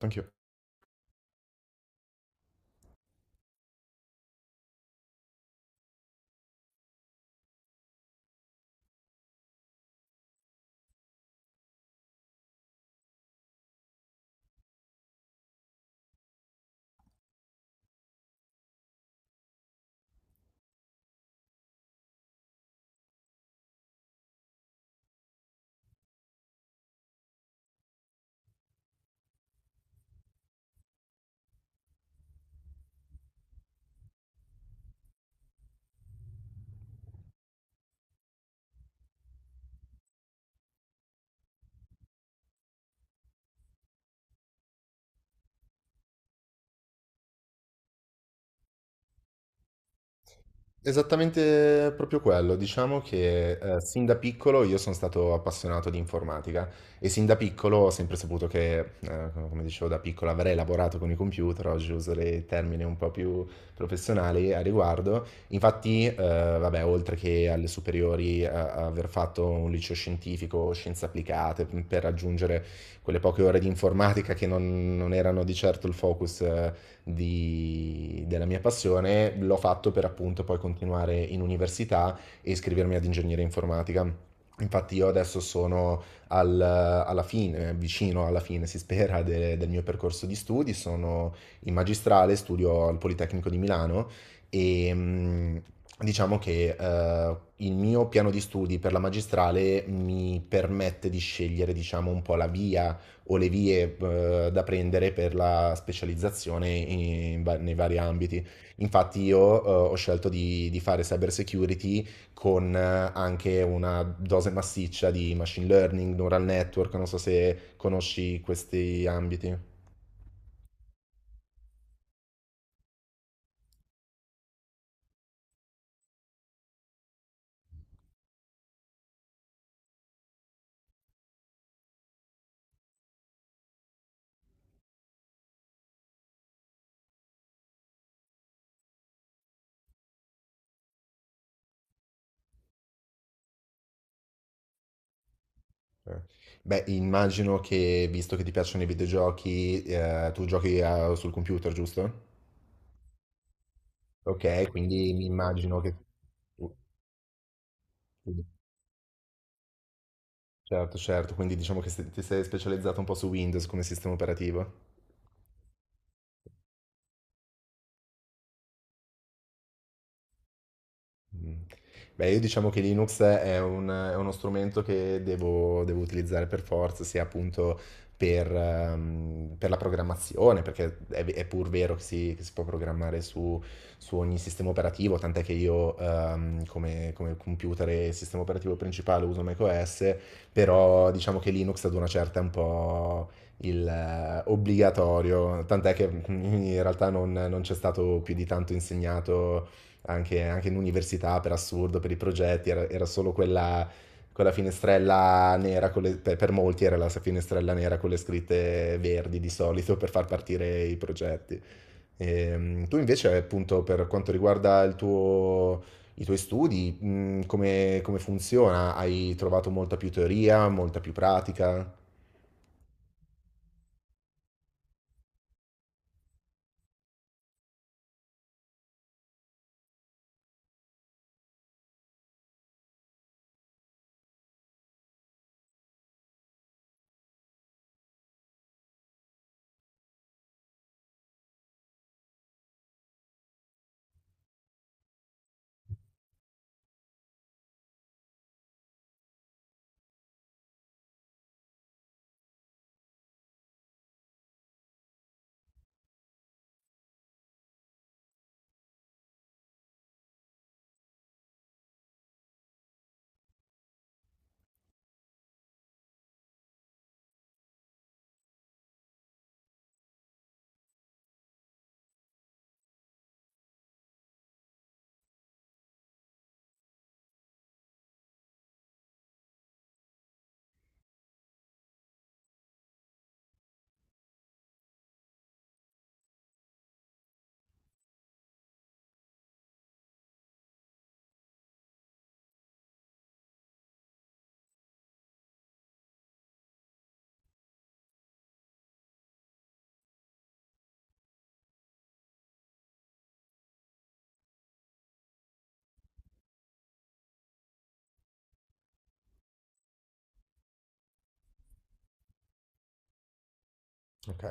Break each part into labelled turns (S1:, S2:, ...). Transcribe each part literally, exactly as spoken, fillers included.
S1: Anch'io. Esattamente proprio quello. Diciamo che eh, sin da piccolo io sono stato appassionato di informatica e sin da piccolo ho sempre saputo che, eh, come dicevo da piccolo, avrei lavorato con i computer. Oggi uso dei termini un po' più professionali a riguardo. Infatti, eh, vabbè, oltre che alle superiori, eh, aver fatto un liceo scientifico, scienze applicate, mm, per raggiungere quelle poche ore di informatica che non, non erano di certo il focus, eh, di- della mia passione, l'ho fatto per appunto poi continuare in università e iscrivermi ad ingegneria informatica. Infatti io adesso sono al- alla fine, vicino alla fine, si spera, de- del mio percorso di studi, sono in magistrale, studio al Politecnico di Milano e mh, diciamo che eh, il mio piano di studi per la magistrale mi permette di scegliere, diciamo, un po' la via o le vie eh, da prendere per la specializzazione in va- nei vari ambiti. Infatti io eh, ho scelto di, di fare cyber security con eh, anche una dose massiccia di machine learning, neural network. Non so se conosci questi ambiti. Eh. Beh, immagino che, visto che ti piacciono i videogiochi, eh, tu giochi eh, sul computer, giusto? Ok, quindi mi immagino che... Certo, certo, quindi diciamo che se- ti sei specializzato un po' su Windows come sistema operativo. Mm. Beh, io diciamo che Linux è un- è uno strumento che devo, devo utilizzare per forza, sia appunto per, ehm, per la programmazione, perché è, è pur vero che si, che si può programmare su, su ogni sistema operativo, tant'è che io ehm, come, come computer e sistema operativo principale uso macOS, però diciamo che Linux ad una certa è un po' il eh, obbligatorio, tant'è che mm, in realtà non non c'è stato più di tanto insegnato anche, anche in università per assurdo. Per i progetti, era, era solo quella, quella finestrella nera, con le- per, per molti era la finestrella nera con le scritte verdi di solito per far partire i progetti. Ehm, tu invece, appunto, per quanto riguarda il tuo, i tuoi studi, mh, come, come funziona? Hai trovato molta più teoria, molta più pratica? Ok.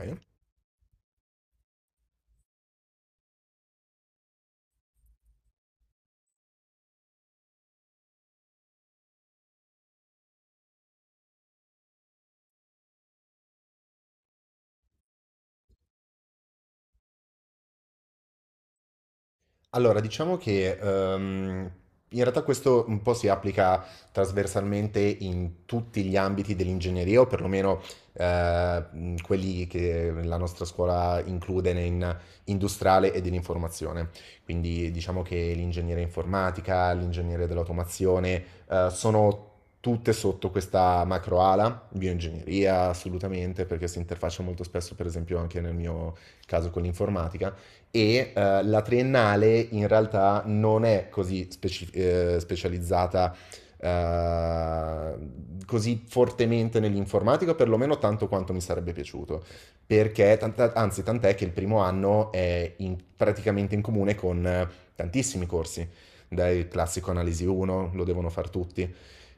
S1: Allora, diciamo che ehm, in realtà questo un po' si applica trasversalmente in tutti gli ambiti dell'ingegneria, o perlomeno eh, mh, quelli che la nostra scuola include in industriale e dell'informazione. Quindi diciamo che l'ingegneria informatica, l'ingegneria dell'automazione, eh, sono tutte sotto questa macroala, bioingegneria assolutamente, perché si interfaccia molto spesso, per esempio, anche nel mio caso con l'informatica e eh, la triennale in realtà non è così speci- eh, specializzata eh, così fortemente nell'informatica, perlomeno tanto quanto mi sarebbe piaciuto, perché tant- anzi tant'è che il primo anno è in- praticamente in comune con tantissimi corsi, dai classico analisi uno, lo devono fare tutti.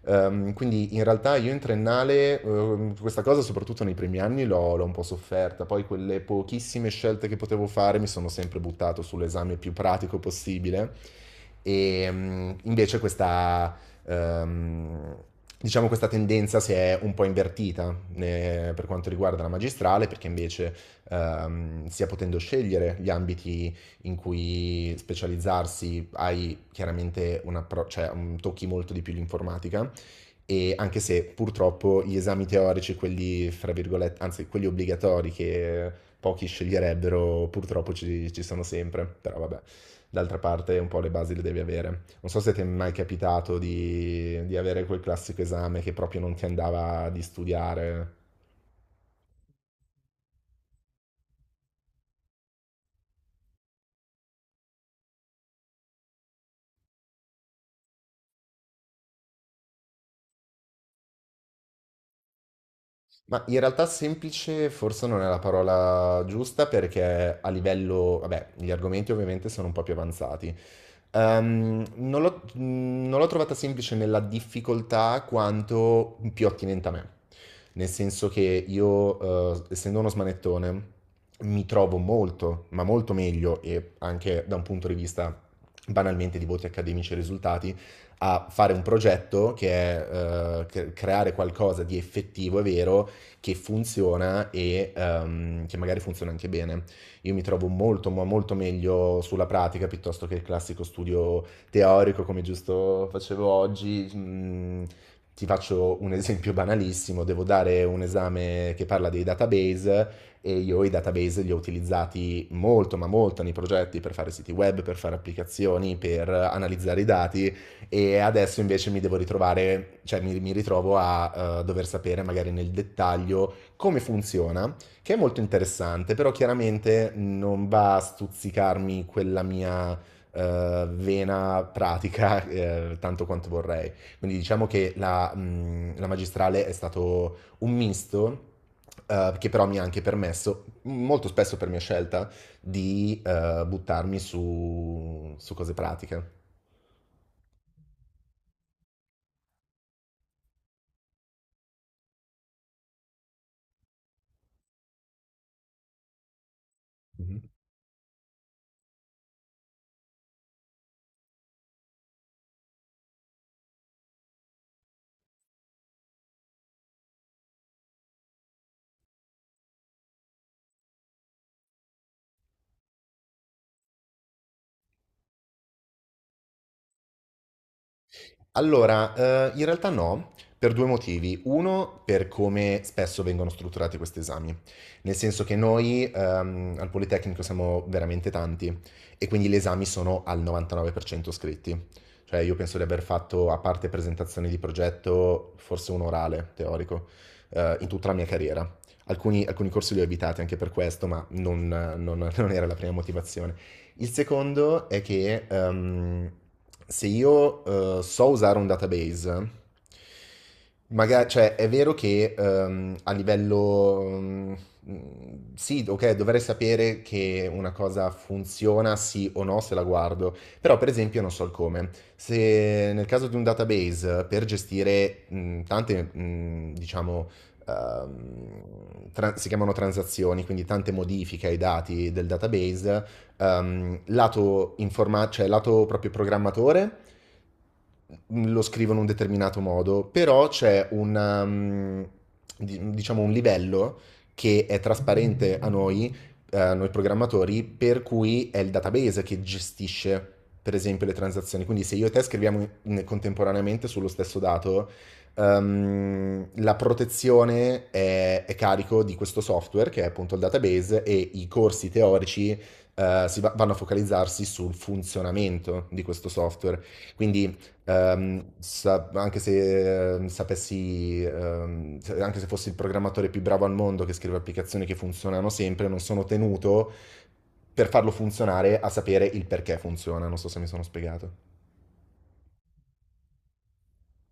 S1: Ehm, quindi in realtà io in triennale, ehm, questa cosa soprattutto nei primi anni l'ho l'ho un po' sofferta, poi quelle pochissime scelte che potevo fare mi sono sempre buttato sull'esame più pratico possibile e ehm, invece questa, ehm, diciamo questa tendenza si è un po' invertita eh, per quanto riguarda la magistrale, perché invece ehm, stia potendo scegliere gli ambiti in cui specializzarsi, hai chiaramente un approccio, cioè, un- tocchi molto di più l'informatica. E anche se purtroppo gli esami teorici, quelli fra virgolette, anzi quelli obbligatori che pochi sceglierebbero, purtroppo ci, ci sono sempre, però vabbè, d'altra parte un po' le basi le devi avere. Non so se ti è mai capitato di, di avere quel classico esame che proprio non ti andava di studiare. Ma in realtà semplice forse non è la parola giusta, perché a livello, vabbè, gli argomenti ovviamente sono un po' più avanzati. Ehm, non l'ho non l'ho trovata semplice nella difficoltà quanto più attinente a me, nel senso che io, eh, essendo uno smanettone, mi trovo molto, ma molto meglio e anche da un punto di vista banalmente di voti accademici e risultati, a fare un progetto che è eh, cre- creare qualcosa di effettivo e vero che funziona e ehm, che magari funziona anche bene. Io mi trovo molto, ma molto meglio sulla pratica piuttosto che il classico studio teorico come giusto facevo oggi. Mm, ti faccio un esempio banalissimo: devo dare un esame che parla dei database e io i database li ho utilizzati molto, ma molto nei progetti per fare siti web, per fare applicazioni, per analizzare i dati. E adesso invece mi devo ritrovare, cioè mi, mi ritrovo a uh, dover sapere magari nel dettaglio come funziona, che è molto interessante, però chiaramente non va a stuzzicarmi quella mia eh, vena pratica eh, tanto quanto vorrei. Quindi diciamo che la, mh, la magistrale è stato un misto, eh, che però mi ha anche permesso, molto spesso per mia scelta, di eh, buttarmi su, su cose pratiche. Mhm. Allora, eh, in realtà no, per due motivi. Uno, per come spesso vengono strutturati questi esami, nel senso che noi ehm, al Politecnico siamo veramente tanti e quindi gli esami sono al novantanove per cento scritti. Cioè io penso di aver fatto, a parte presentazioni di progetto, forse un orale teorico, eh, in tutta la mia carriera. Alcuni, alcuni corsi li ho evitati anche per questo, ma non non- non era la prima motivazione. Il secondo è che ehm, se io eh, so usare un database, magari, cioè è vero che ehm, a livello... mm, sì, ok, dovrei sapere che una cosa funziona sì o no se la guardo, però per esempio non so il come. Se nel caso di un database per gestire mh, tante, mh, diciamo, ehm, tra- si chiamano transazioni, quindi tante modifiche ai dati del database, ehm, lato, informa- cioè lato proprio programmatore lo scrivo in un determinato modo, però c'è un, um, di- diciamo un livello che è trasparente a noi, eh, a noi programmatori, per cui è il database che gestisce, per esempio, le transazioni. Quindi se io e te scriviamo in- contemporaneamente sullo stesso dato, ehm, la protezione è, è carico di questo software, che è appunto il database. E i corsi teorici, eh, si va- vanno a focalizzarsi sul funzionamento di questo software. Quindi Ehm, sa- anche se ehm, sapessi, ehm, se- anche se fossi il programmatore più bravo al mondo che scrive applicazioni che funzionano sempre, non sono tenuto per farlo funzionare a sapere il perché funziona. Non so se mi sono spiegato.